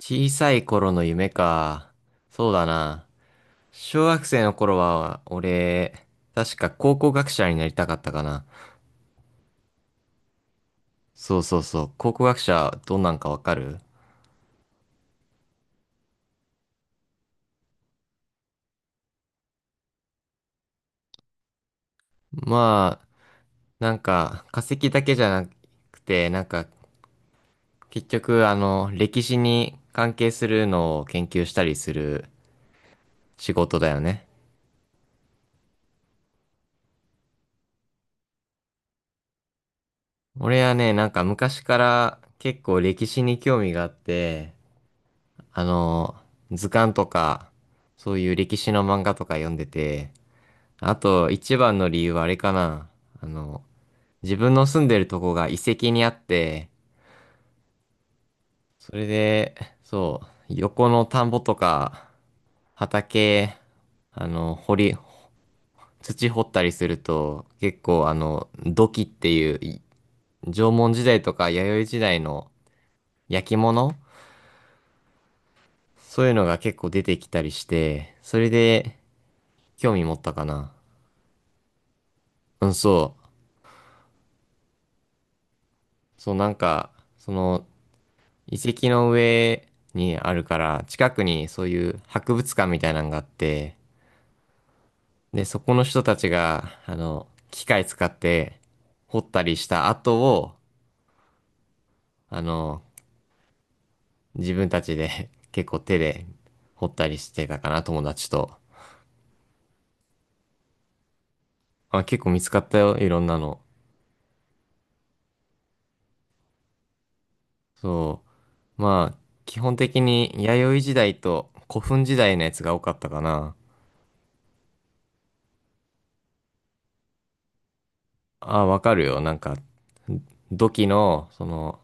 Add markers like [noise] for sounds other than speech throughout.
小さい頃の夢か。そうだな。小学生の頃は、俺、確か考古学者になりたかったかな。そうそうそう。考古学者、どんなんかわかる？まあ、化石だけじゃなくて、結局、歴史に関係するのを研究したりする仕事だよね。俺はね、なんか昔から結構歴史に興味があって、あの、図鑑とか、そういう歴史の漫画とか読んでて、あと一番の理由はあれかな。あの、自分の住んでるとこが遺跡にあって、それで、そう、横の田んぼとか、畑、あの、掘り、土掘ったりすると、結構土器っていう、縄文時代とか弥生時代の焼き物、そういうのが結構出てきたりして、それで興味持ったかな。うん、そう。そう、その、遺跡の上にあるから、近くにそういう博物館みたいなのがあって、で、そこの人たちが、機械使って掘ったりした跡を、あの、自分たちで [laughs] 結構手で掘ったりしてたかな、友達と。あ、結構見つかったよ、いろんなの。そう。まあ、基本的に弥生時代と古墳時代のやつが多かったかな。あ、わかるよ。土器の、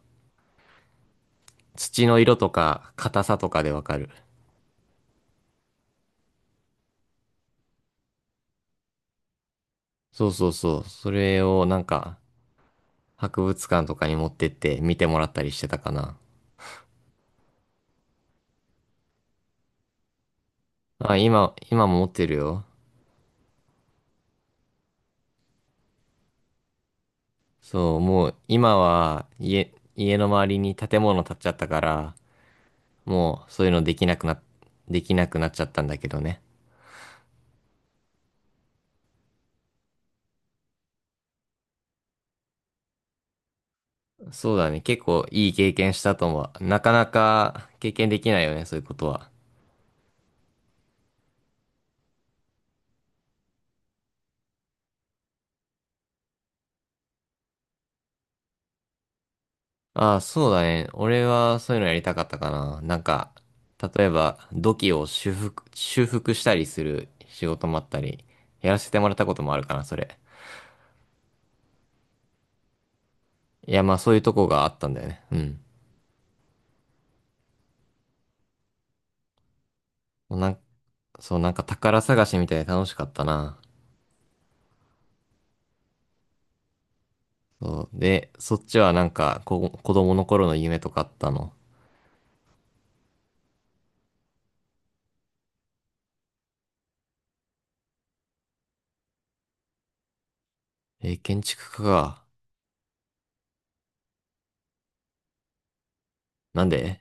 土の色とか、硬さとかでわかる。そうそうそう。それをなんか、博物館とかに持ってって見てもらったりしてたかな。あ、今も持ってるよ。そう、もう今は家の周りに建物建っちゃったから、もうそういうのできなくな、できなくなっちゃったんだけどね。そうだね。結構いい経験したと思う。なかなか経験できないよね、そういうことは。ああ、そうだね。俺はそういうのやりたかったかな。なんか、例えば、土器を修復したりする仕事もあったり、やらせてもらったこともあるかな、それ。いや、まあそういうとこがあったんだよね。うん。なん、そう、なんか宝探しみたいで楽しかったな。そう。で、そっちはなんか、子供の頃の夢とかあったの？えー建築家か。なんで？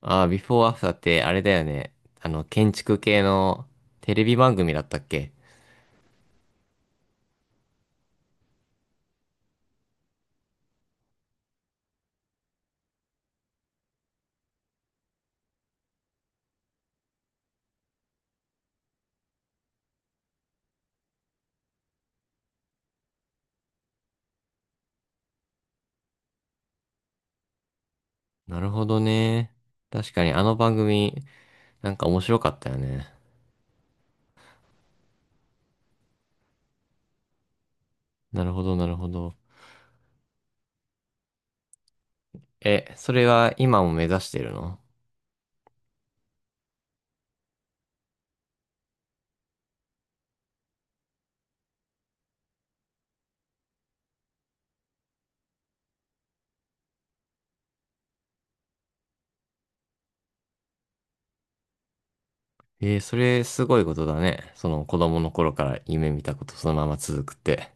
ああー、ビフォーアフターってあれだよね。建築系のテレビ番組だったっけ？なるほどね。確かにあの番組、なんか面白かったよね。なるほど、なるほど。え、それは今も目指してるの？えーそれすごいことだね。その子供の頃から夢見たことそのまま続くって。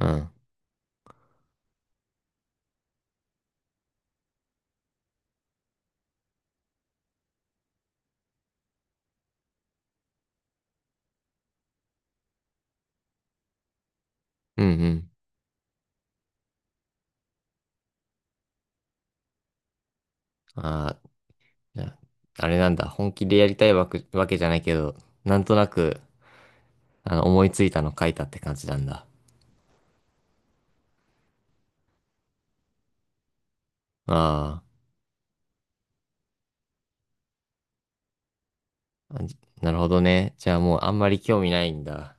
うん。うんうん。あー、じゃあ、あれなんだ。本気でやりたいわけ、わけじゃないけど、なんとなく、思いついたの書いたって感じなんだ。ああ、なるほどね。じゃあもうあんまり興味ないんだ。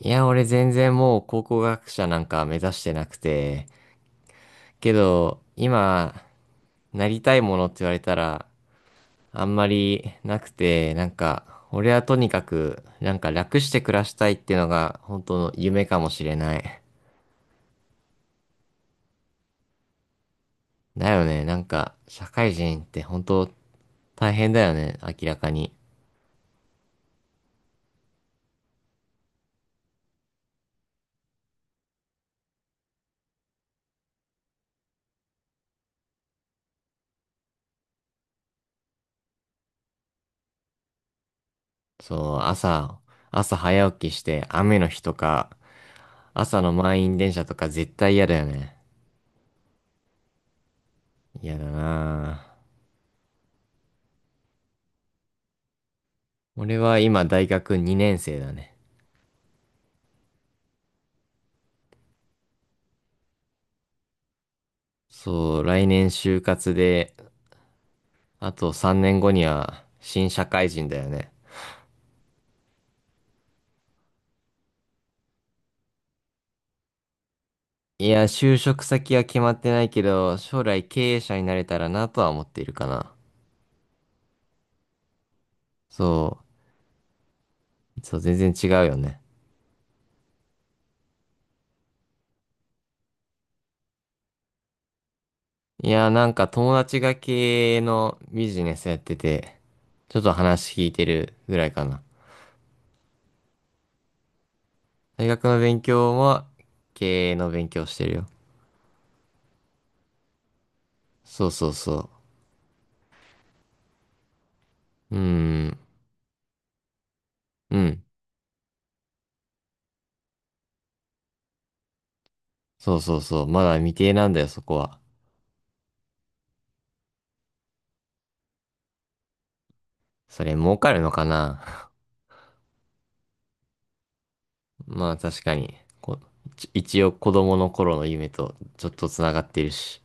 いや、俺全然もう考古学者なんか目指してなくて、けど、今、なりたいものって言われたら、あんまりなくて、なんか、俺はとにかく、なんか楽して暮らしたいっていうのが、本当の夢かもしれない。だよね、なんか、社会人って本当大変だよね、明らかに。そう、朝早起きして、雨の日とか、朝の満員電車とか絶対嫌だよね。嫌だなぁ。俺は今大学2年生だね。そう、来年就活で、あと3年後には新社会人だよね。いや、就職先は決まってないけど、将来経営者になれたらなとは思っているかな。そそう、全然違うよね。いや、なんか友達が経営のビジネスやってて、ちょっと話聞いてるぐらいかな。大学の勉強も経営の勉強してるよ。そうそうそう。うーん、うん。そうそうそう。まだ未定なんだよ、そこは。それ儲かるのかな？ [laughs] まあ確かに。こ一応子供の頃の夢とちょっと繋がってるし。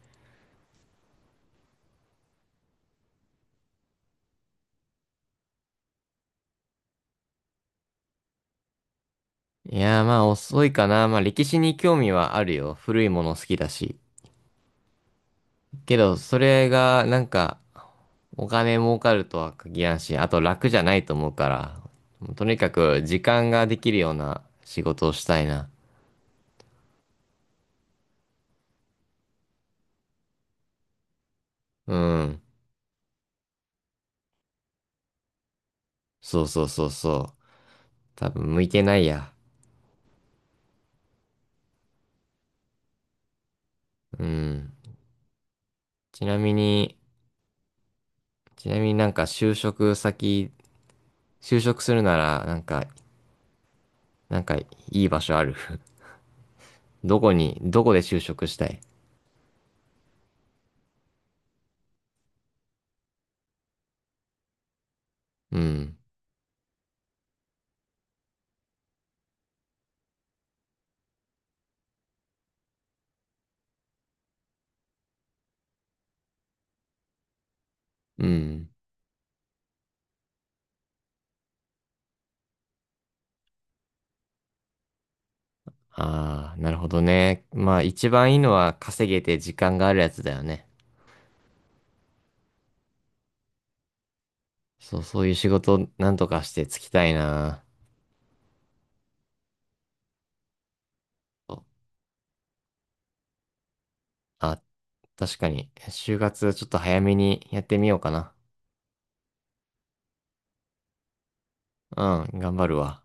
いやーまあ遅いかな。まあ歴史に興味はあるよ。古いもの好きだし。けどそれがなんかお金儲かるとは限らんし、あと楽じゃないと思うから。とにかく時間ができるような仕事をしたいな。うん。そうそうそうそう。多分向いてないや。うん。ちなみに、ちなみになんか就職するなら、なんか、なんかいい場所ある？ [laughs] どこで就職したい？うん。うん。ああ、なるほどね。まあ一番いいのは稼げて時間があるやつだよね。そう、そういう仕事なんとかしてつきたいな。そう、あ、確かに。就活ちょっと早めにやってみようかな。うん、頑張るわ。